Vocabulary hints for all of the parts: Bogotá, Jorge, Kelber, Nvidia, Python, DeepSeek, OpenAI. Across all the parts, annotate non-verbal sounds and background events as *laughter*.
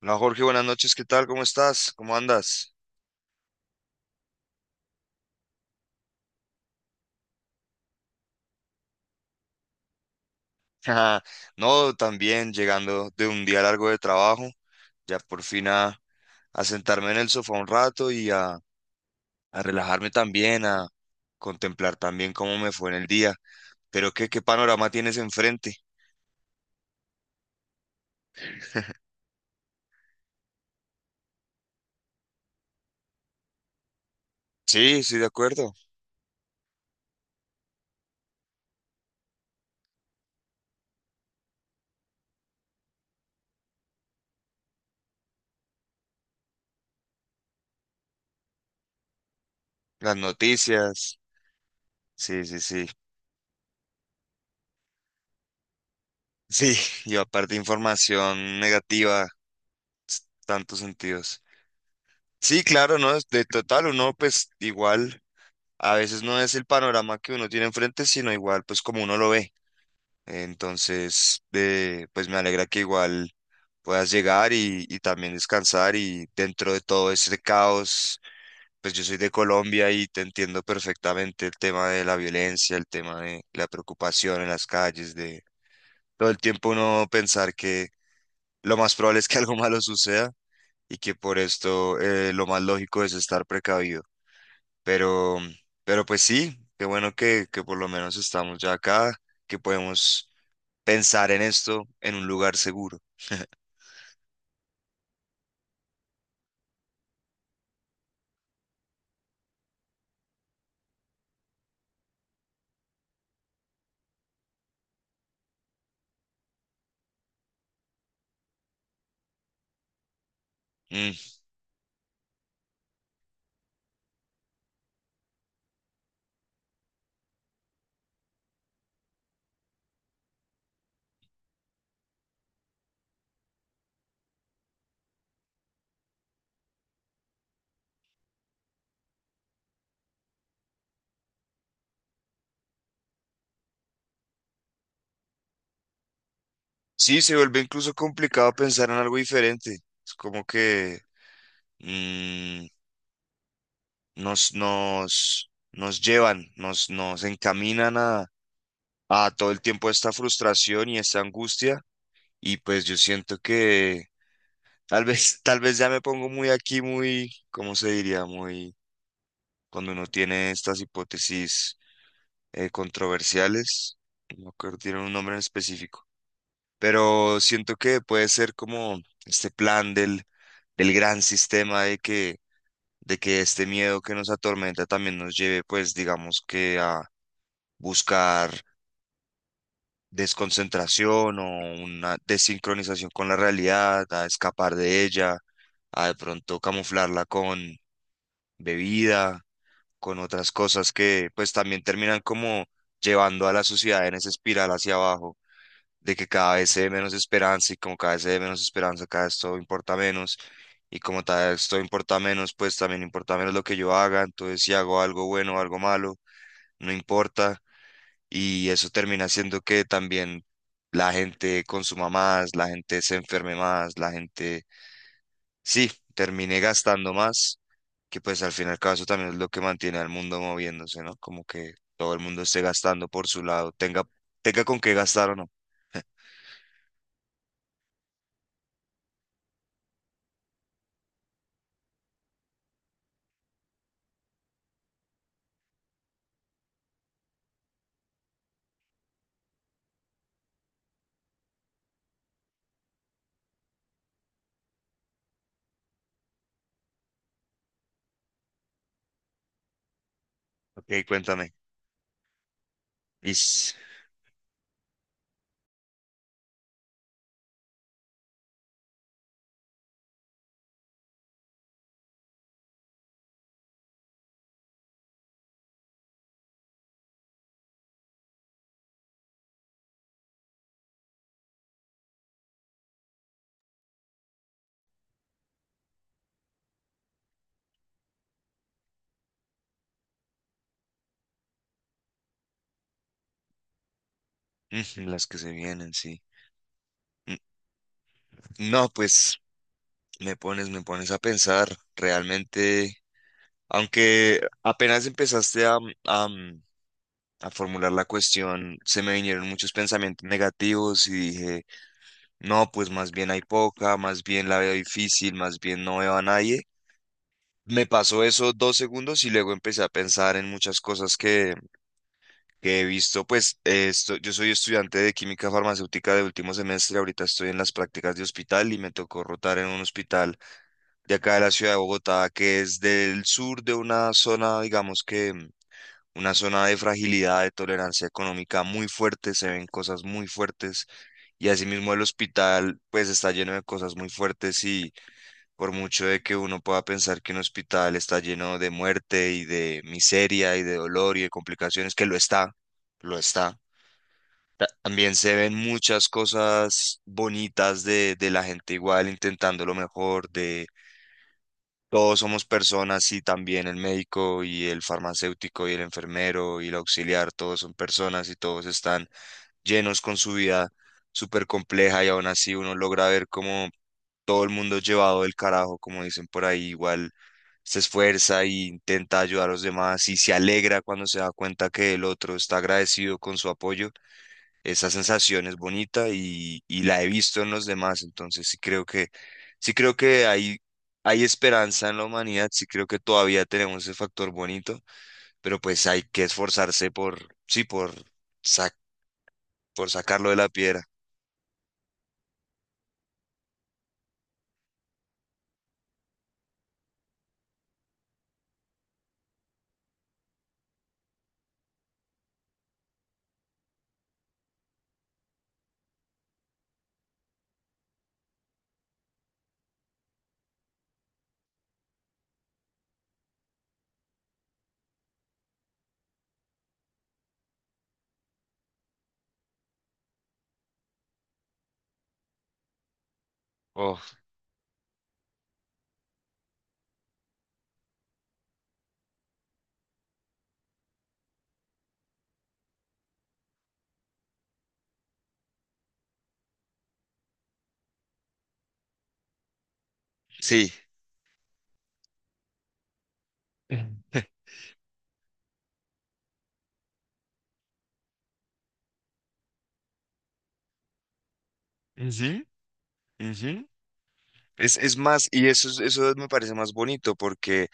No, Jorge, buenas noches, ¿qué tal? ¿Cómo estás? ¿Cómo andas? *laughs* No, también llegando de un día largo de trabajo, ya por fin a sentarme en el sofá un rato y a relajarme también, a contemplar también cómo me fue en el día. Pero qué panorama tienes enfrente. Sí, estoy de acuerdo. Las noticias. Sí, sí, sí. Sí, *laughs* y aparte información negativa, tantos sentidos. Sí, claro, ¿no? De total, uno pues igual. A veces no es el panorama que uno tiene enfrente, sino igual pues como uno lo ve. Entonces, pues me alegra que igual puedas llegar y también descansar y dentro de todo este caos, pues yo soy de Colombia y te entiendo perfectamente el tema de la violencia, el tema de la preocupación en las calles, de todo el tiempo uno pensar que lo más probable es que *laughs* algo malo suceda y que por esto lo más lógico es estar precavido. Pero, pero pues sí, qué bueno que por lo menos estamos ya acá, que podemos pensar en esto en un lugar seguro. Mm. Sí, se vuelve incluso complicado pensar en algo diferente. Es como que mm, nos llevan, nos encaminan a todo el tiempo esta frustración y esta angustia. Y pues yo siento que tal vez, *laughs* tal vez ya me pongo muy aquí, muy, ¿cómo se diría? Muy, cuando uno tiene estas hipótesis controversiales, no me acuerdo, tienen un nombre en específico, pero siento que puede ser como este plan del gran sistema de que, este miedo que nos atormenta también nos lleve, pues digamos que a buscar desconcentración o una desincronización con la realidad, a escapar de ella, a de pronto camuflarla con bebida, con otras cosas que pues también terminan como llevando a la sociedad en esa espiral hacia abajo de que cada vez se ve menos esperanza y como cada vez se ve menos esperanza, cada vez todo importa menos y como cada vez todo importa menos, pues también importa menos lo que yo haga, entonces si hago algo bueno o algo malo, no importa y eso termina siendo que también la gente consuma más, la gente se enferme más, la gente, sí, termine gastando más, que pues al final caso también es lo que mantiene al mundo moviéndose, ¿no? Como que todo el mundo esté gastando por su lado, tenga con qué gastar o no. Ok, cuéntame. Y. Ujú, las que se vienen, sí. Mm, No, pues me pones a pensar realmente, aunque apenas empezaste a, mm, a formular la cuestión, se me vinieron muchos pensamientos negativos y dije, no, pues más bien hay poca, más bien la veo difícil, más bien no veo a nadie. Me pasó eso dos segundos y luego empecé a pensar en muchas cosas que he visto, pues yo soy estudiante de química farmacéutica de último semestre, ahorita estoy en las prácticas de hospital y me tocó rotar en un hospital de acá de la ciudad de Bogotá, que es del sur de una zona, digamos que una zona de fragilidad, de tolerancia económica muy fuerte, se ven cosas muy fuertes y asimismo el hospital pues está lleno de cosas muy fuertes y por mucho de que uno pueda pensar que un hospital está lleno de muerte y de miseria y de dolor y de complicaciones, que lo está también se ven muchas cosas bonitas de la gente igual intentando lo mejor, de todos somos personas y también el médico y el farmacéutico y el enfermero y el auxiliar, todos son personas y todos están llenos con su vida súper compleja y aún así uno logra ver como todo el mundo llevado del carajo, como dicen por ahí, igual se esfuerza e intenta ayudar a los demás y se alegra cuando se da cuenta que el otro está agradecido con su apoyo, esa sensación es bonita y la he visto en los demás, entonces sí creo que hay esperanza en la humanidad, sí creo que todavía tenemos ese factor bonito, pero pues hay que esforzarse por, sí, por, sac- por sacarlo de la piedra. Oh, sí. Ujú, ujú. Es más, y eso, eso me parece más bonito porque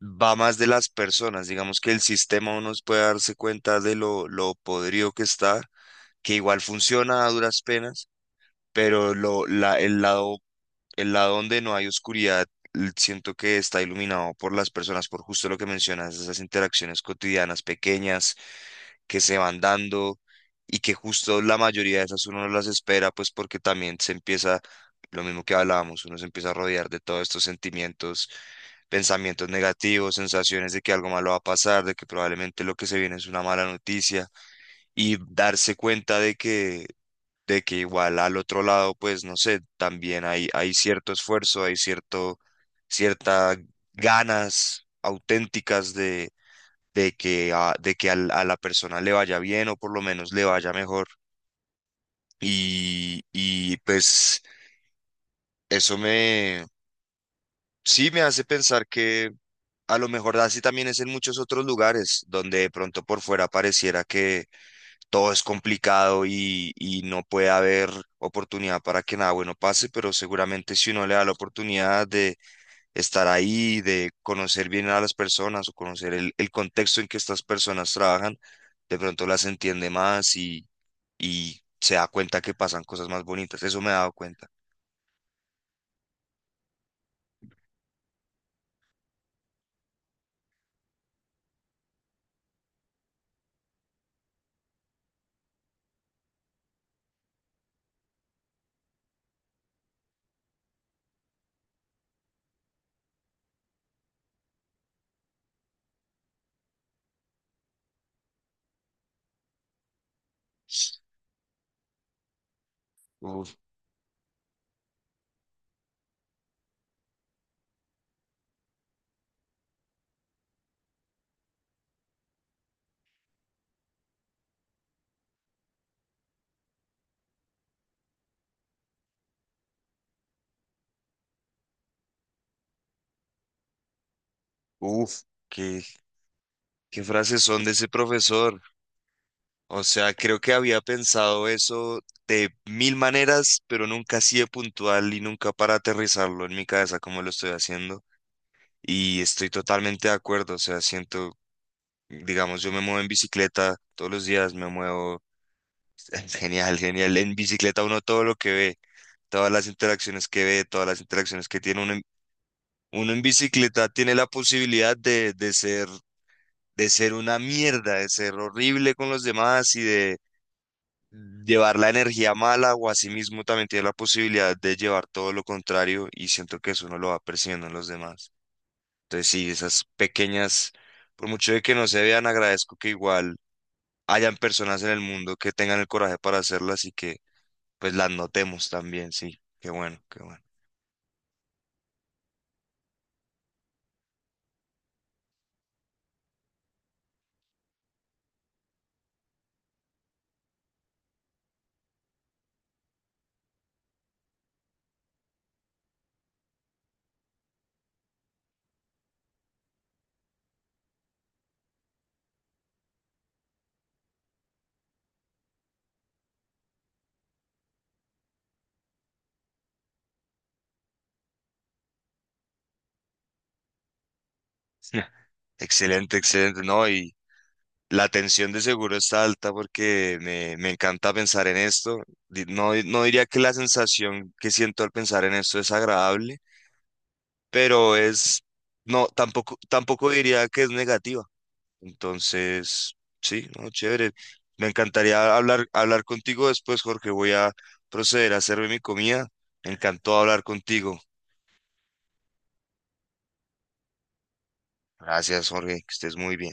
va más de las personas. Digamos que el sistema uno puede darse cuenta de lo podrido que está, que igual funciona a duras penas, pero lo, la, el lado donde no hay oscuridad, siento que está iluminado por las personas, por justo lo que mencionas, esas interacciones cotidianas pequeñas que se van dando y que justo la mayoría de esas uno no las espera, pues porque también se empieza, lo mismo que hablábamos, uno se empieza a rodear de todos estos sentimientos, pensamientos negativos, sensaciones de que algo malo va a pasar, de que probablemente lo que se viene es una mala noticia y darse cuenta de que igual al otro lado, pues no sé, también hay cierto esfuerzo, hay cierto, ciertas ganas auténticas de que, a, de que a la persona le vaya bien o por lo menos le vaya mejor. Y pues eso me, sí me hace pensar que a lo mejor así también es en muchos otros lugares donde de pronto por fuera pareciera que todo es complicado y no puede haber oportunidad para que nada bueno pase, pero seguramente si uno le da la oportunidad de estar ahí, de conocer bien a las personas o conocer el contexto en que estas personas trabajan, de pronto las entiende más y se da cuenta que pasan cosas más bonitas. Eso me he dado cuenta. Uf, uf, qué, qué frases son de ese profesor. O sea, creo que había pensado eso de mil maneras, pero nunca así de puntual y nunca para aterrizarlo en mi cabeza como lo estoy haciendo. Y estoy totalmente de acuerdo, o sea, siento, digamos, yo me muevo en bicicleta todos los días, me muevo *laughs* genial, genial. En bicicleta uno todo lo que ve, todas las interacciones que ve, todas las interacciones que tiene uno en bicicleta tiene la posibilidad de ser, una mierda, de ser horrible con los demás y de llevar la energía mala, o asimismo también tiene la posibilidad de llevar todo lo contrario, y siento que eso uno lo va percibiendo en los demás. Entonces sí, esas pequeñas, por mucho de que no se vean, agradezco que igual hayan personas en el mundo que tengan el coraje para hacerlas y que pues las notemos también, sí. Qué bueno, qué bueno. *laughs* Excelente, excelente, ¿no? Y la tensión de seguro está alta porque me encanta pensar en esto. No, no diría que la sensación que siento al pensar en esto es agradable, pero es, no, tampoco diría que es negativa. Entonces, sí, no, chévere. Me encantaría hablar contigo después, Jorge. Voy a proceder a hacerme mi comida. Me encantó hablar contigo. Gracias, Jorge, que estés muy bien.